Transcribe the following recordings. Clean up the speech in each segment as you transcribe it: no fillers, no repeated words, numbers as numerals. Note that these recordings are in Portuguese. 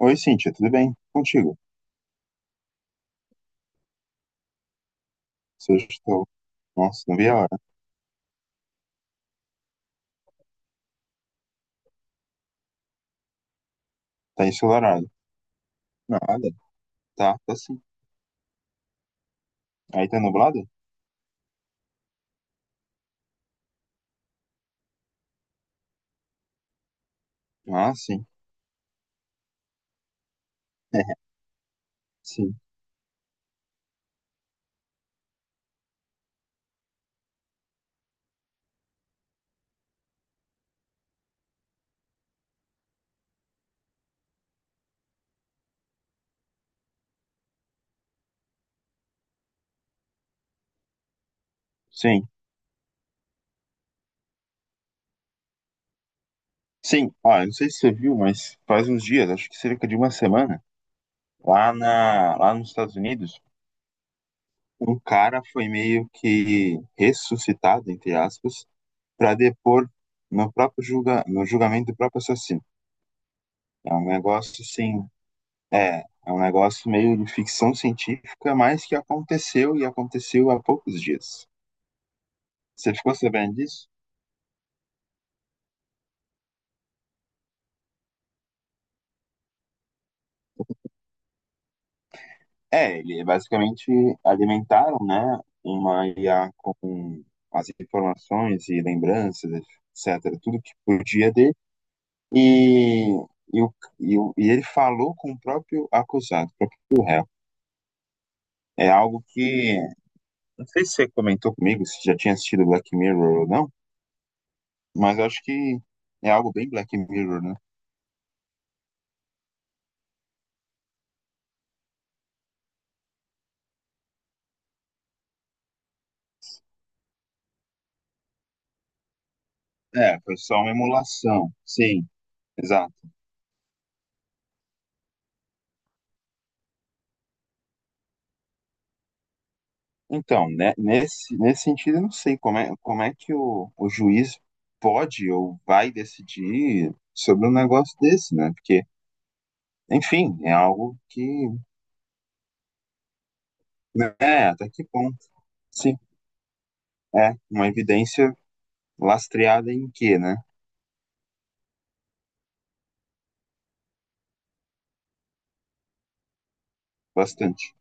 Oi, Cíntia, tudo bem? Contigo? Hoje estou. Nossa, não vi a hora. Tá ensolarado. Nada. Tá, tá sim. Aí tá nublado? Ah, sim. Sim. Sim. Sim. Ah, eu não sei se você viu, mas faz uns dias, acho que cerca de uma semana, lá nos Estados Unidos, um cara foi meio que ressuscitado, entre aspas, para depor no julgamento do próprio assassino. É um negócio assim É um negócio meio de ficção científica, mas que aconteceu e aconteceu há poucos dias. Você ficou sabendo disso? É, ele basicamente alimentaram, né, uma IA com as informações e lembranças, etc., tudo que podia dele, e, e, o- e ele falou com o próprio acusado, o próprio réu. É algo que, não sei se você comentou comigo, se já tinha assistido Black Mirror ou não, mas eu acho que é algo bem Black Mirror, né? É, foi só uma emulação. Sim, exato. Então, né, nesse sentido, eu não sei como é que o juiz pode ou vai decidir sobre um negócio desse, né? Porque, enfim, é algo que, né, até que ponto, sim, é uma evidência lastreada em quê, né? Bastante,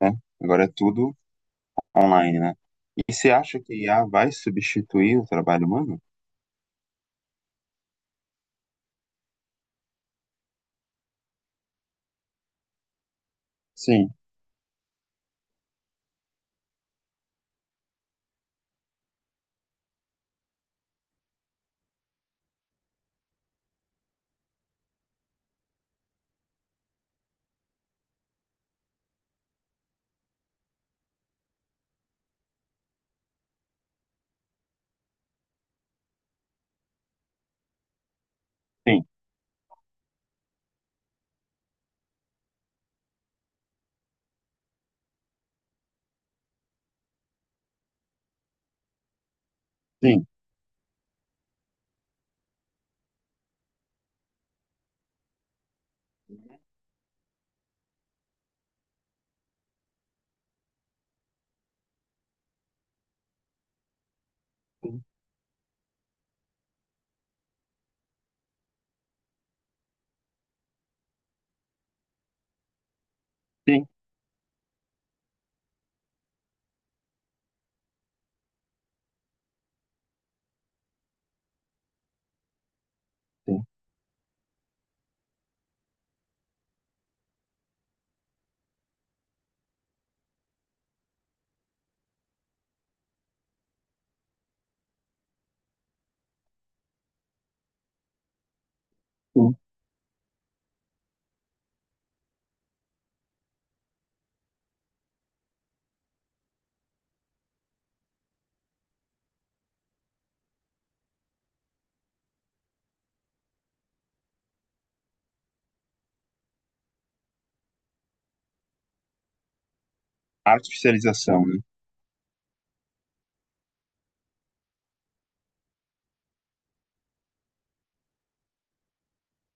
né? Agora é tudo online, né? E você acha que IA vai substituir o trabalho humano? Sim, sim, sim, sim, sim, sim. Artificialização, né?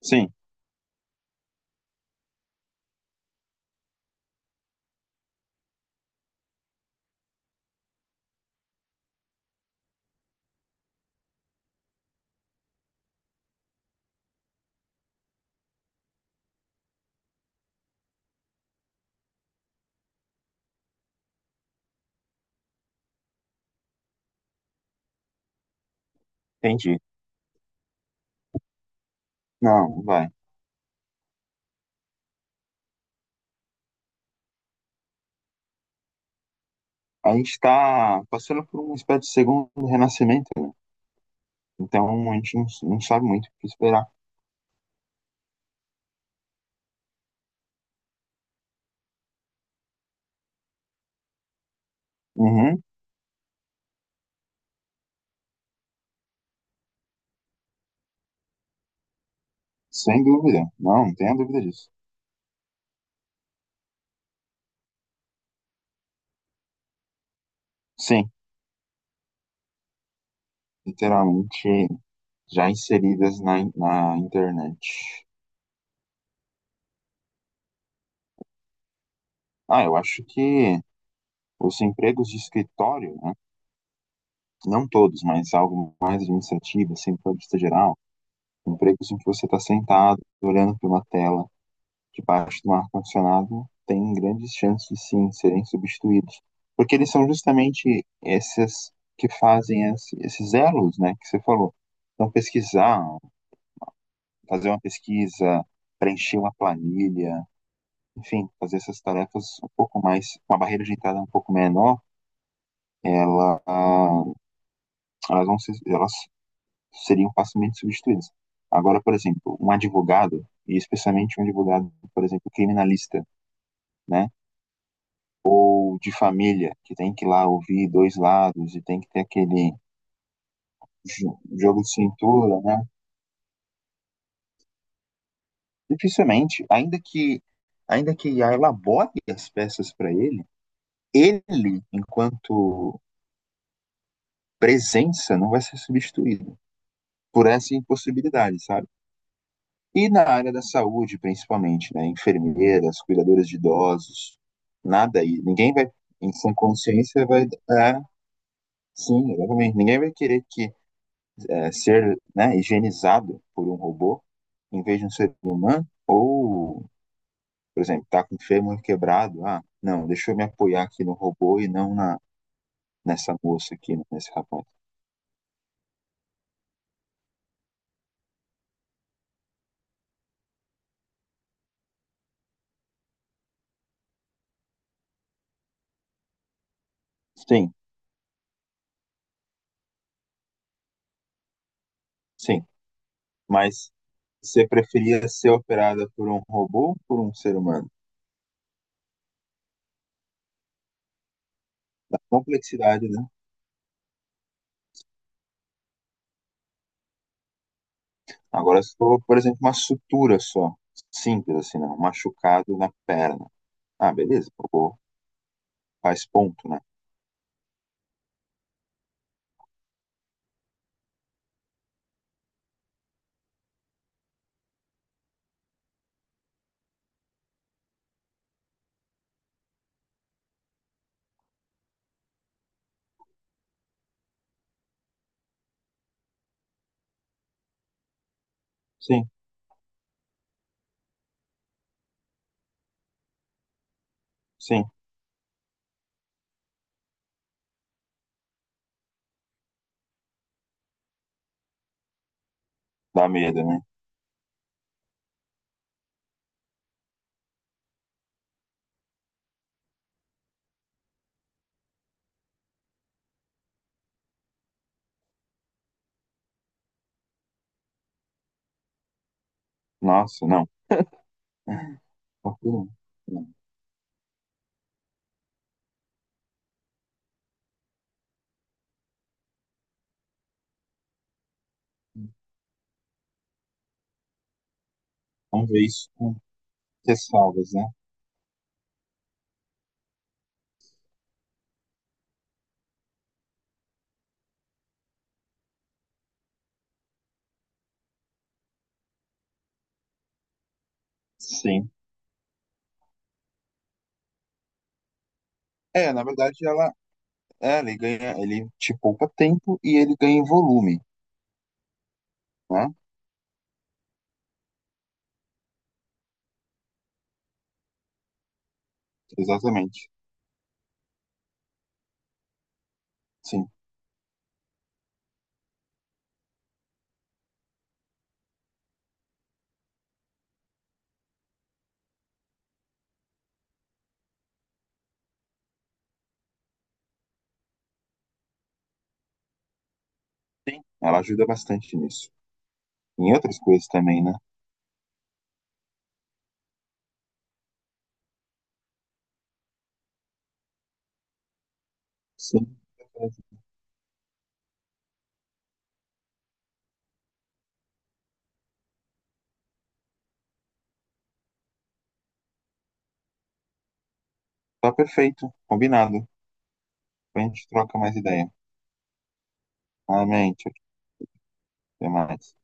Sim, entendi. Não, vai. A gente está passando por uma espécie de segundo renascimento, né? Então a gente não sabe muito o que esperar. Uhum, sem dúvida. Não, não tenha dúvida disso. Sim, literalmente já inseridas na internet. Ah, eu acho que os empregos de escritório, né? Não todos, mas algo mais administrativo, assim, para vista geral, empregos em que você está sentado, olhando para uma tela debaixo do ar-condicionado têm grandes chances, sim, de serem substituídos. Porque eles são justamente esses que fazem esses elos, né, que você falou. Então, pesquisar, fazer uma pesquisa, preencher uma planilha, enfim, fazer essas tarefas um pouco mais, com a barreira de entrada um pouco menor, ela, ah, elas seriam facilmente substituídas. Agora, por exemplo, um advogado, e especialmente um advogado, por exemplo, criminalista, né? Tipo de família, que tem que ir lá ouvir dois lados e tem que ter aquele jogo de cintura, né? Dificilmente, ainda que IA elabore as peças para ele, ele, enquanto presença, não vai ser substituído por essa impossibilidade, sabe? E na área da saúde, principalmente, né? Enfermeiras, cuidadoras de idosos, nada aí. Ninguém vai, em sã consciência, vai. É, sim, exatamente. Ninguém vai querer que é, ser né, higienizado por um robô em vez de um ser humano, ou, por exemplo, tá com o fêmur quebrado, ah, não, deixa eu me apoiar aqui no robô e não na, nessa moça aqui, né, nesse rapaz. Sim, sim, mas você preferia ser operada por um robô ou por um ser humano? Da complexidade, né? Agora, se for, por exemplo, uma sutura só, simples assim, né? Um machucado na perna. Ah, beleza, o robô faz ponto, né? Sim, sim, dá medo, né? Nossa, não. Porto não. Não. Talvez com ressalvas, né? Sim. É, na verdade, ele ganha, ele te poupa tempo e ele ganha em volume, né? Exatamente. Sim. Sim. Ela ajuda bastante nisso. Em outras coisas também, né? Sim. Tá perfeito, combinado. Depois a gente troca mais ideia. Amém. Tchau, tchau. Até mais.